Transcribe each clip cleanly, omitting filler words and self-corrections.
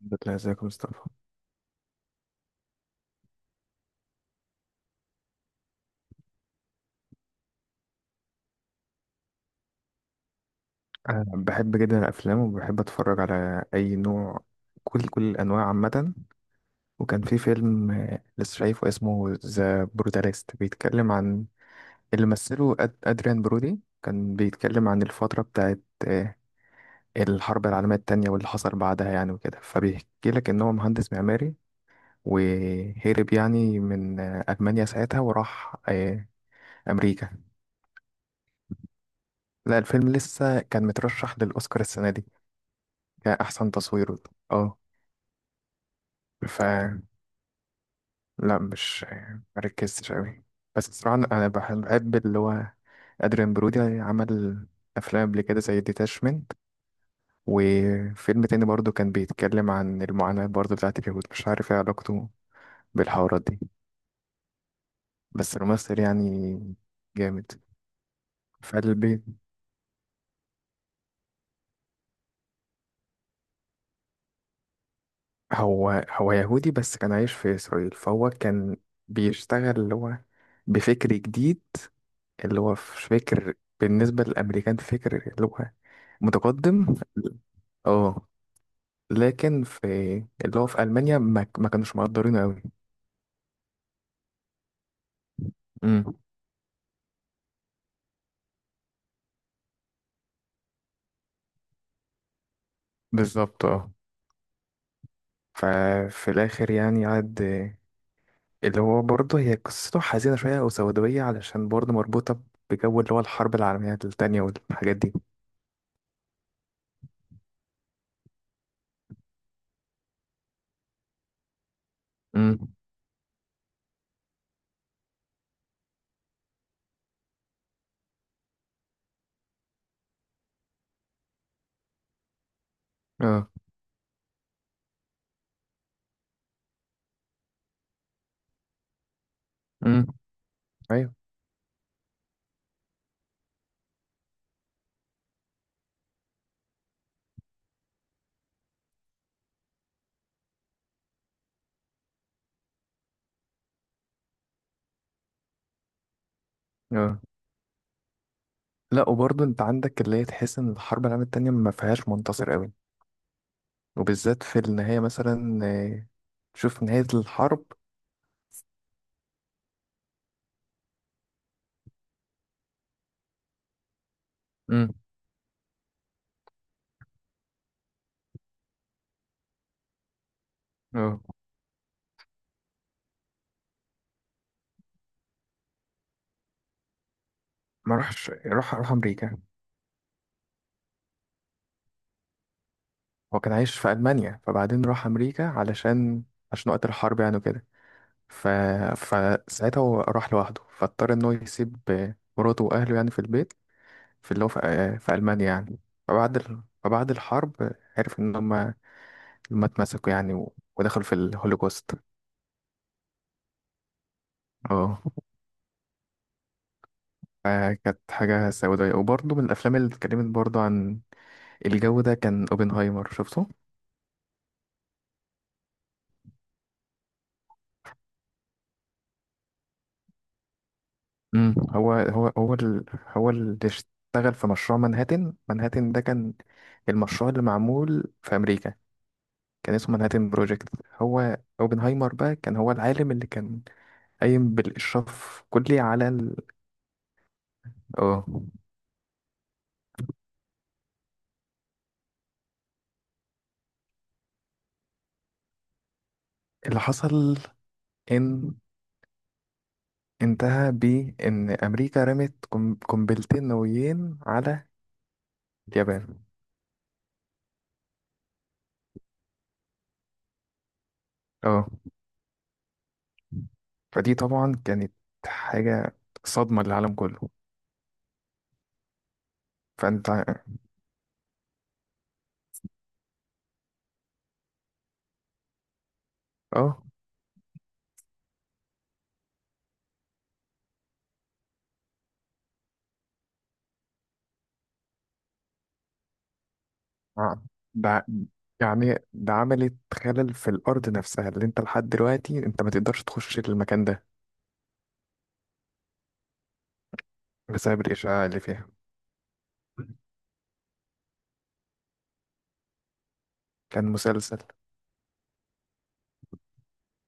بتلاقي ازيك يا مصطفى. أنا بحب جدا الأفلام وبحب أتفرج على أي نوع. كل الأنواع عامة. وكان في فيلم لسه شايفه اسمه ذا بروتاليست، بيتكلم عن اللي مثله أدريان برودي. كان بيتكلم عن الفترة بتاعت آه، الحرب العالمية التانية واللي حصل بعدها يعني وكده، فبيحكي لك إن هو مهندس معماري وهرب يعني من ألمانيا ساعتها وراح أمريكا. لا، الفيلم لسه كان مترشح للأوسكار السنة دي كأحسن تصوير. اه. ف لا، مش مركزتش قوي. بس بصراحة أنا بحب اللي هو أدريان برودي عمل أفلام قبل كده زي ديتاشمنت. وفيلم تاني برضو كان بيتكلم عن المعاناة برضو بتاعت اليهود، مش عارف ايه علاقته بالحوارات دي. بس الممثل يعني جامد. فالبيت، هو هو يهودي بس كان عايش في إسرائيل، فهو كان بيشتغل اللي هو بفكر جديد. اللي هو في فكر بالنسبة للأمريكان فكر اللي هو متقدم. اه. لكن في اللي هو في ألمانيا ما كانوش مقدرينه أوي. امم. بالظبط اه. ففي الآخر يعني قعد اللي هو برضه، هي قصته حزينة شوية أو سوداوية علشان برضه مربوطة بجو اللي هو الحرب العالمية التانية والحاجات دي. امم. اه. امم. أيوه. اه. لا وبرضه أنت عندك اللي هي تحس إن الحرب العالمية التانية ما فيهاش منتصر أوي، وبالذات في النهاية مثلا شوف نهاية الحرب. امم. آه، ما راحش، راح أمريكا. هو كان عايش في ألمانيا فبعدين راح أمريكا علشان، عشان وقت الحرب يعني وكده. ف... فساعتها هو راح لوحده فاضطر إن هو يسيب مراته وأهله يعني في البيت، في اللي هو في ألمانيا يعني. فبعد الحرب عرف إن هما اتمسكوا يعني ودخلوا في الهولوكوست. اه. فكانت حاجة سوداوية. وبرضه من الأفلام اللي اتكلمت برضه عن الجو ده كان اوبنهايمر شفته. امم. هو اللي اشتغل في مشروع منهاتن. منهاتن ده كان المشروع اللي معمول في امريكا، كان اسمه منهاتن بروجكت. هو اوبنهايمر بقى كان هو العالم اللي كان قايم بالاشراف كلي اه. اللي حصل ان انتهى بان امريكا رمت قنبلتين نوويين على اليابان. اه. فدي طبعا كانت حاجة صدمة للعالم كله. فانت. اه. آه. ده ده عملت خلل في الأرض نفسها، اللي انت لحد دلوقتي انت ما تقدرش تخش المكان ده بسبب الإشعاع اللي فيها. كان مسلسل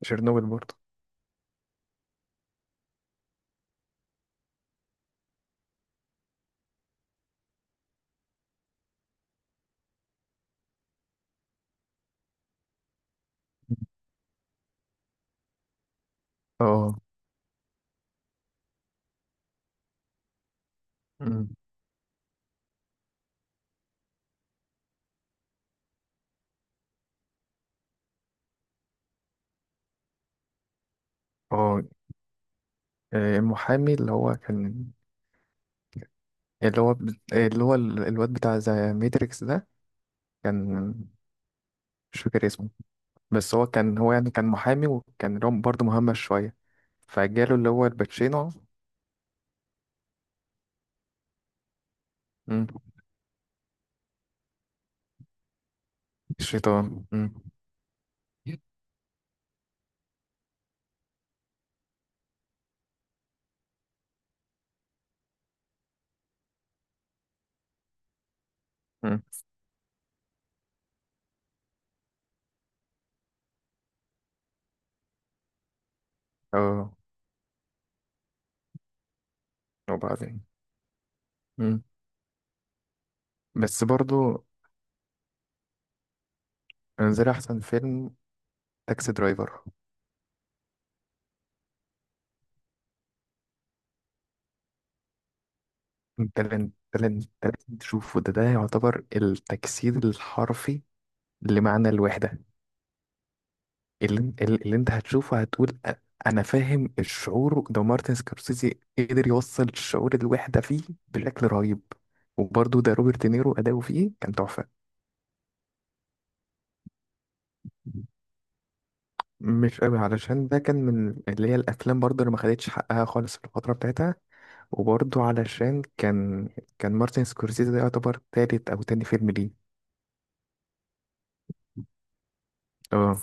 تشيرنوبل برضه. اه. أمم. اه. المحامي اللي هو كان، اللي هو ب- اللي هو ال- الواد بتاع ذا ماتريكس ده كان، مش فاكر اسمه. بس هو كان، هو يعني كان محامي، وكان اللي هو برضه مهمش شوية، فجاله اللي هو الباتشينو. أمم. الشيطان أمم. أمم. اه. وبعدين. مم. بس برضو انزل احسن فيلم، تاكسي درايفر. ده اللي أنت لازم تشوفه. ده يعتبر التجسيد الحرفي لمعنى الوحدة. اللي انت هتشوفه هتقول انا فاهم الشعور ده. مارتن سكورسيزي قدر يوصل شعور الوحدة فيه بشكل رهيب. وبرضو ده روبرت دينيرو اداؤه فيه كان تحفة. مش قوي علشان ده كان من اللي هي الافلام برضه اللي ما خدتش حقها خالص في الفتره بتاعتها. وبرضه علشان كان، مارتن سكورسيزي ده يعتبر تالت أو تاني فيلم ليه. اه.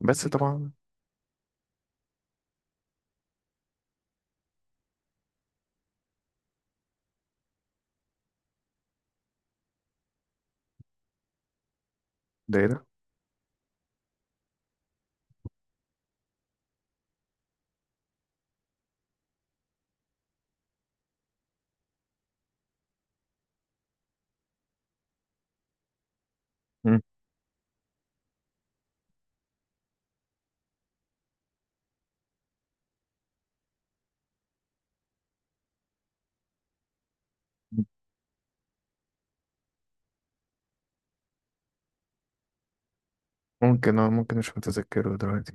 بس طبعا. ده ايه ده؟ مم. ممكن مش متذكره دلوقتي.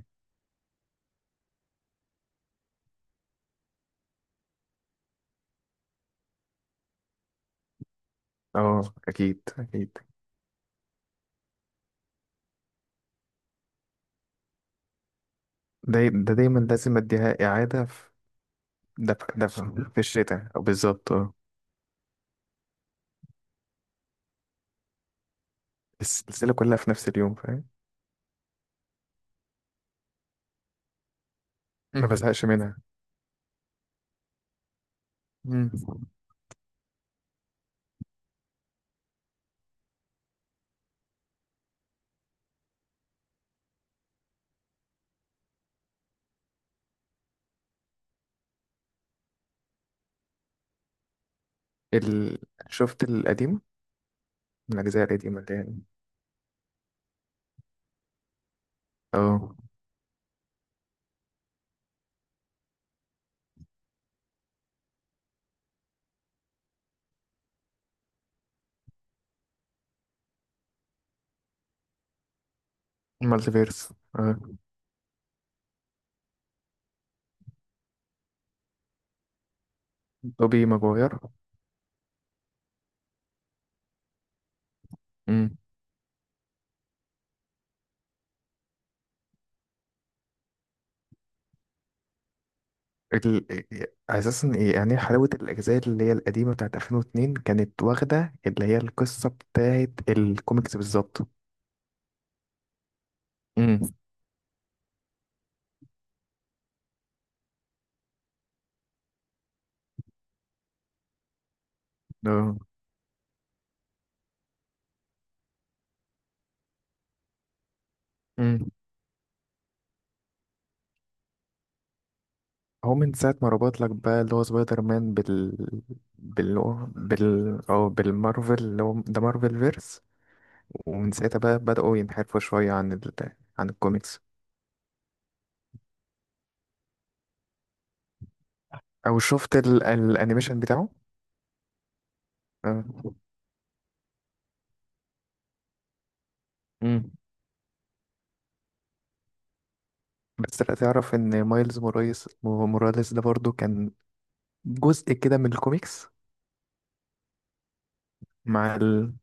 اه، أكيد أكيد. ده دايما لازم أديها إعادة في، ده في في الشتاء أو بالظبط اه. السلسلة كلها في نفس اليوم فاهم. ما بزهقش منها. مم. ال... شفت القديم من الأجزاء القديمة اللي يعني. اه، مالتيفيرس. اه، توبي ماجواير. ال... اساسا إيه يعني، حلاوه الاجزاء اللي هي القديمه بتاعت 2002 كانت واخده اللي هي القصه بتاعت الكوميكس بالظبط. امم. ده. امم. هو من ساعه ما ربط لك بقى اللي هو سبايدر مان بال، بال بال او بالمارفل، اللي هو ده مارفل فيرس. ومن ساعتها بقى بداوا ينحرفوا شويه عن الكوميكس. او شفت الانيميشن بتاعه. آه. امم. بس لا، تعرف ان مايلز موراليس ده برضو كان جزء كده من الكوميكس، مع ال...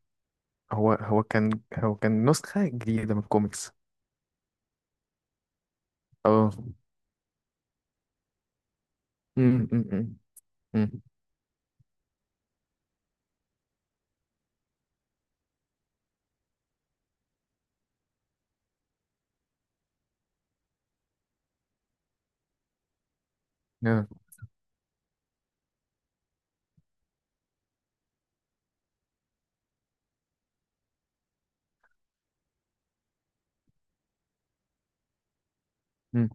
هو كان نسخة جديدة من الكوميكس. اه. أمم، أمم، أمم، أمم. آه، أمم.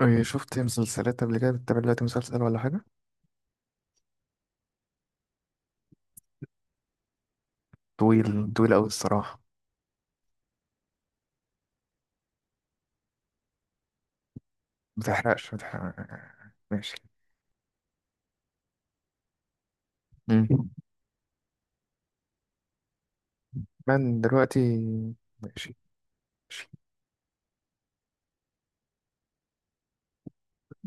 إيه، شفت مسلسلات قبل كده؟ بتتابع دلوقتي مسلسل ولا حاجة؟ طويل طويل أوي الصراحة. متحرقش، متحرق. ماشي. أمم. من دلوقتي. ماشي. ماشي.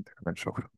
تمام، شكرا.